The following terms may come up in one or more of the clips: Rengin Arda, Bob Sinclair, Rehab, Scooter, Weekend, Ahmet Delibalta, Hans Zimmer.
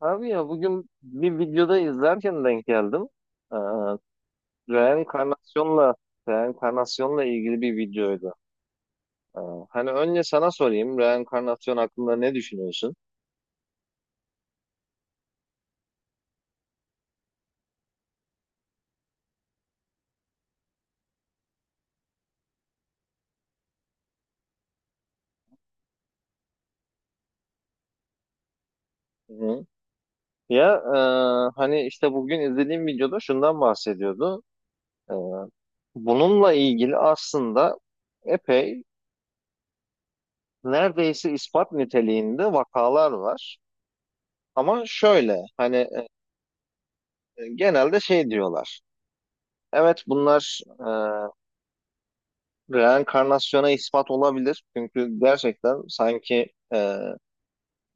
Abi ya bugün bir videoda izlerken denk geldim. Ee, reenkarnasyonla reenkarnasyonla ilgili bir videoydu. Ee, hani önce sana sorayım, reenkarnasyon hakkında ne düşünüyorsun? Hı. Ya, hani işte bugün izlediğim videoda şundan bahsediyordu. Ee, bununla ilgili aslında epey, neredeyse ispat niteliğinde vakalar var. Ama şöyle hani genelde şey diyorlar. Evet, bunlar e, reenkarnasyona ispat olabilir. Çünkü gerçekten sanki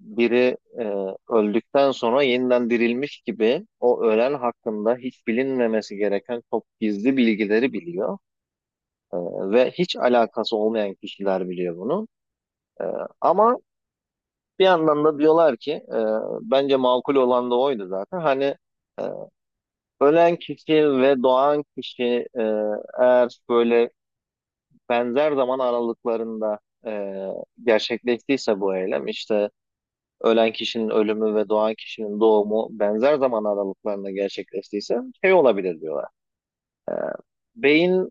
biri öldükten sonra yeniden dirilmiş gibi o ölen hakkında hiç bilinmemesi gereken çok gizli bilgileri biliyor. E, ve hiç alakası olmayan kişiler biliyor bunu. E, ama bir yandan da diyorlar ki bence makul olan da oydu zaten. Hani e, ölen kişi ve doğan kişi, e, eğer böyle benzer zaman aralıklarında gerçekleştiyse bu eylem, işte ölen kişinin ölümü ve doğan kişinin doğumu benzer zaman aralıklarında gerçekleştiyse şey olabilir diyorlar. Beyin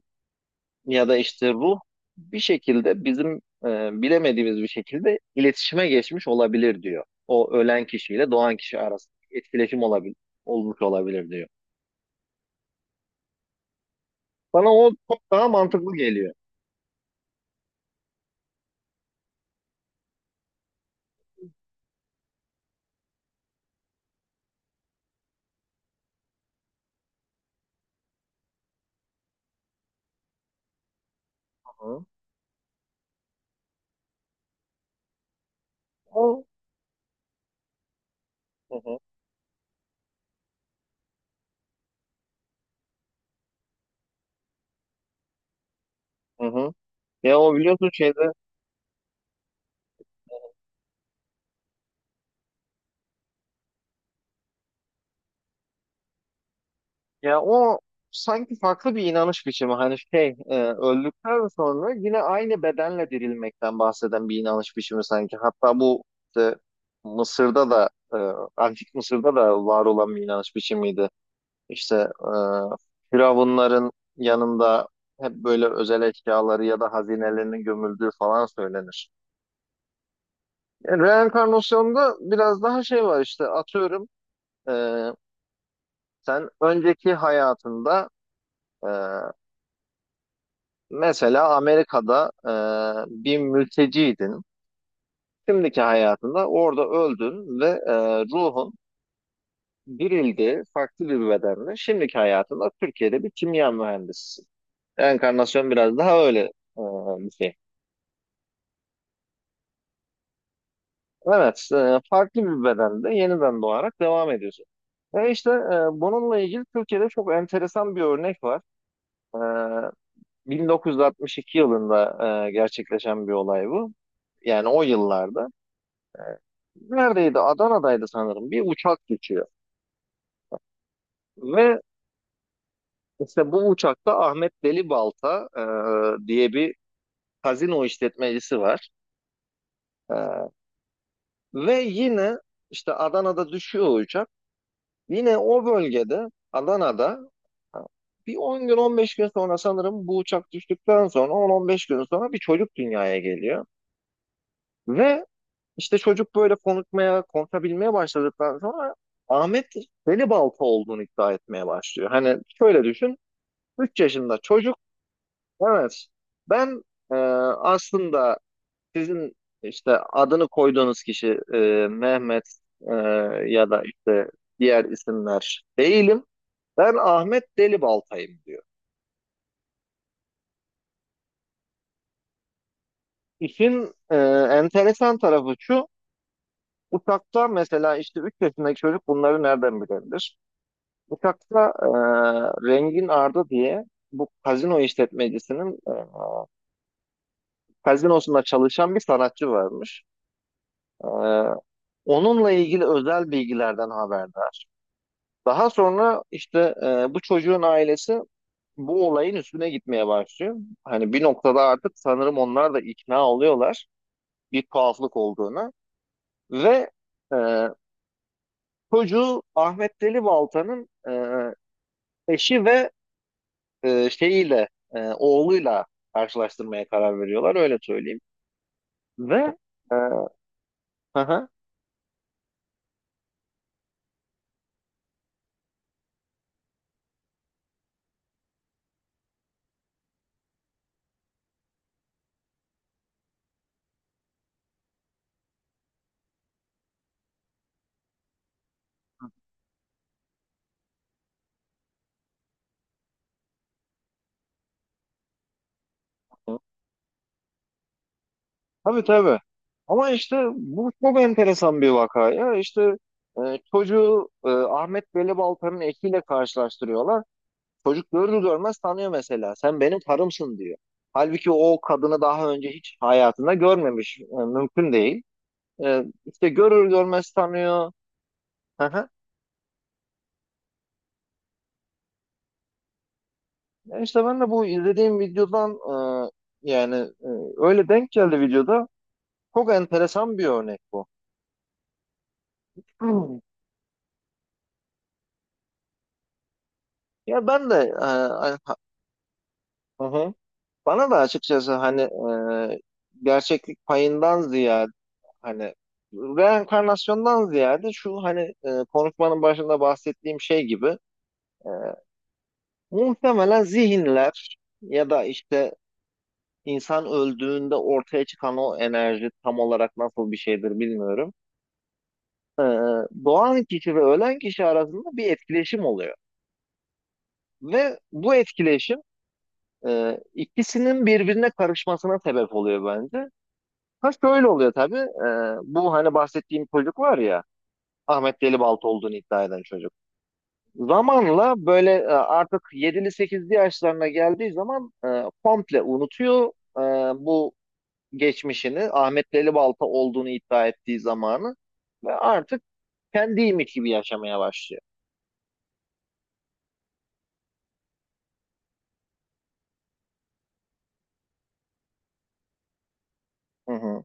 ya da işte ruh bir şekilde bizim bilemediğimiz bir şekilde iletişime geçmiş olabilir diyor. O ölen kişiyle doğan kişi arasında etkileşim olabilir, olmuş olabilir diyor. Bana o çok daha mantıklı geliyor. Hı hı. O, hı hı, hı hı. Ya o biliyorsun şeyde, ya o sanki farklı bir inanış biçimi. Hani şey, öldükten sonra yine aynı bedenle dirilmekten bahseden bir inanış biçimi sanki. Hatta bu işte Mısır'da da, Antik Mısır'da da var olan bir inanış biçimiydi. İşte e, firavunların yanında hep böyle özel eşyaları ya da hazinelerinin gömüldüğü falan söylenir. Yani reenkarnasyonda biraz daha şey var, işte atıyorum, e, sen önceki hayatında e, mesela Amerika'da bir mülteciydin. Şimdiki hayatında orada öldün ve ruhun dirildi farklı bir bedenle. Şimdiki hayatında Türkiye'de bir kimya mühendisisin. Enkarnasyon biraz daha öyle e, bir şey. Evet, farklı bir bedende yeniden doğarak devam ediyorsun. Ve işte bununla ilgili Türkiye'de çok enteresan bir örnek var. E, 1962 yılında gerçekleşen bir olay bu. Yani o yıllarda. Neredeydi? Adana'daydı sanırım. Bir uçak geçiyor. Ve işte bu uçakta Ahmet Delibalta diye bir kazino işletmecisi var. E, ve yine işte Adana'da düşüyor o uçak. Yine o bölgede Adana'da e, bir 10 gün 15 gün sonra, sanırım bu uçak düştükten sonra 10-15 gün sonra bir çocuk dünyaya geliyor. Ve işte çocuk böyle konuşabilmeye başladıktan sonra Ahmet Delibalta olduğunu iddia etmeye başlıyor. Hani şöyle düşün. 3 yaşında çocuk. Evet. Ben e, aslında sizin işte adını koyduğunuz kişi, Mehmet e, ya da işte diğer isimler değilim. Ben Ahmet Delibaltay'ım diyor. İşin enteresan tarafı şu. Uçakta mesela, işte 3 yaşındaki çocuk bunları nereden bilebilir? Uçakta Rengin Arda diye bu kazino işletmecisinin kazinosunda çalışan bir sanatçı varmış. Ee, onunla ilgili özel bilgilerden haberdar. Daha sonra işte bu çocuğun ailesi bu olayın üstüne gitmeye başlıyor. Hani bir noktada artık sanırım onlar da ikna oluyorlar bir tuhaflık olduğuna. Ve e, çocuğu Ahmet Deli Balta'nın eşi ve e, şeyiyle, oğluyla karşılaştırmaya karar veriyorlar, öyle söyleyeyim. Ve e, hı hı. Tabii tabii. Ama işte bu çok enteresan bir vaka ya. İşte çocuğu Ahmet Velibalta'nın ekiyle karşılaştırıyorlar. Çocuk görür görmez tanıyor mesela. Sen benim karımsın diyor. Halbuki o kadını daha önce hiç hayatında görmemiş. E, mümkün değil. E, işte görür görmez tanıyor. Hı hı. İşte ben de bu izlediğim videodan, e, yani e, öyle denk geldi videoda. Çok enteresan bir örnek bu. Hı. Ya ben de e, hani- Hı hı. Bana da açıkçası hani e, gerçeklik payından ziyade, hani reenkarnasyondan ziyade şu, hani konuşmanın başında bahsettiğim şey gibi e, muhtemelen zihinler ya da işte insan öldüğünde ortaya çıkan o enerji tam olarak nasıl bir şeydir bilmiyorum. Doğan kişi ve ölen kişi arasında bir etkileşim oluyor. Ve bu etkileşim ikisinin birbirine karışmasına sebep oluyor bence. Ha şöyle oluyor tabii. Bu hani bahsettiğim çocuk var ya, Ahmet Delibaltı olduğunu iddia eden çocuk. Zamanla böyle artık yedili sekizli yaşlarına geldiği zaman komple unutuyor e, bu geçmişini. Ahmet Delibaltı olduğunu iddia ettiği zamanı, ve artık kendiymiş gibi yaşamaya başlıyor. Hı hı.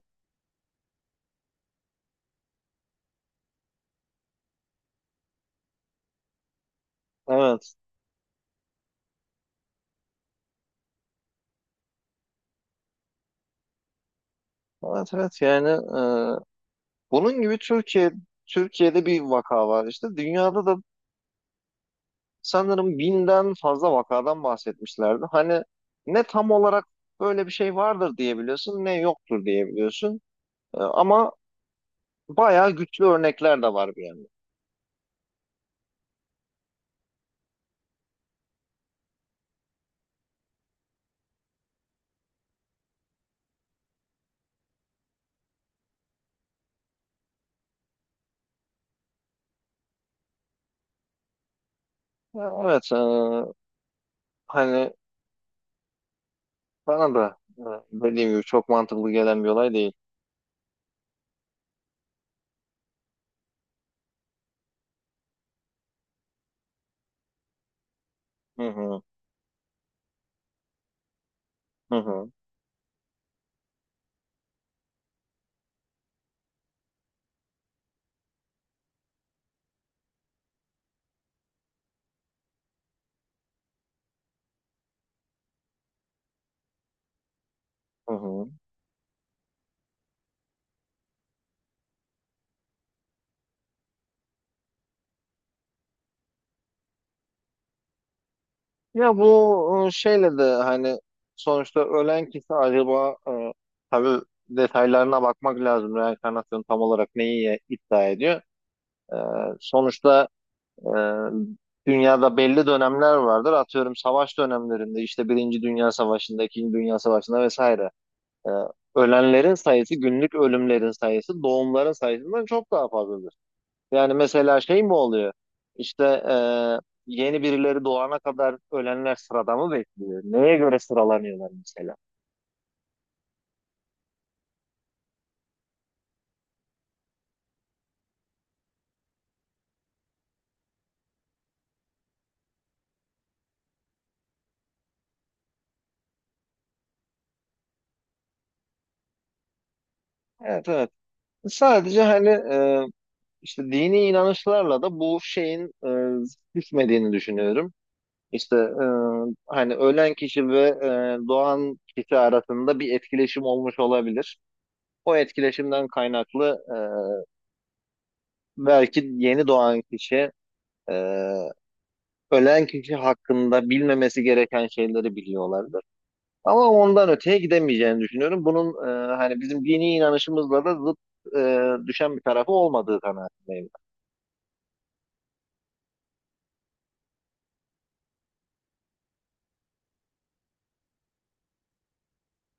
Evet. Evet evet, yani e, bunun gibi Türkiye'de bir vaka var, işte dünyada da sanırım 1000'den fazla vakadan bahsetmişlerdi. Hani ne tam olarak böyle bir şey vardır diyebiliyorsun, ne yoktur diyebiliyorsun. Ama bayağı güçlü örnekler de var bir yandan. Ya, evet, hani bana da dediğim gibi çok mantıklı gelen bir olay değil. Hı hı, hı hı, hı hı. Ya bu şeyle de hani sonuçta ölen kişi acaba, tabii detaylarına bakmak lazım. Reenkarnasyon tam olarak neyi iddia ediyor? Ee, sonuçta Ee, dünyada belli dönemler vardır. Atıyorum savaş dönemlerinde, işte Birinci Dünya Savaşı'nda, İkinci Dünya Savaşı'nda vesaire. Ee, ölenlerin sayısı, günlük ölümlerin sayısı, doğumların sayısından çok daha fazladır. Yani mesela şey mi oluyor? İşte e, yeni birileri doğana kadar ölenler sırada mı bekliyor? Neye göre sıralanıyorlar mesela? Evet, evet. Sadece hani işte dini inanışlarla da bu şeyin düşmediğini düşünüyorum. İşte hani ölen kişi ve doğan kişi arasında bir etkileşim olmuş olabilir. O etkileşimden kaynaklı, belki yeni doğan kişi e, ölen kişi hakkında bilmemesi gereken şeyleri biliyorlardır. Ama ondan öteye gidemeyeceğini düşünüyorum. Bunun hani bizim dini inanışımızla da zıt düşen bir tarafı olmadığı kanaatindeyim.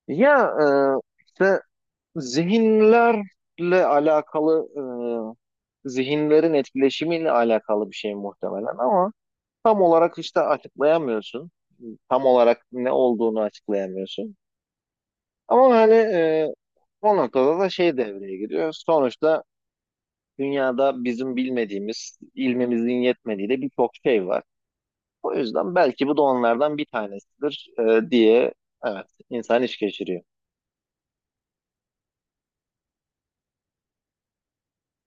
Ya, işte zihinlerle alakalı, zihinlerin etkileşimiyle alakalı bir şey muhtemelen, ama tam olarak işte açıklayamıyorsun. Tam olarak ne olduğunu açıklayamıyorsun. Ama hani o noktada da şey devreye giriyor. Sonuçta dünyada bizim bilmediğimiz, ilmimizin yetmediği de birçok şey var. O yüzden belki bu da onlardan bir tanesidir diye evet insan iş geçiriyor.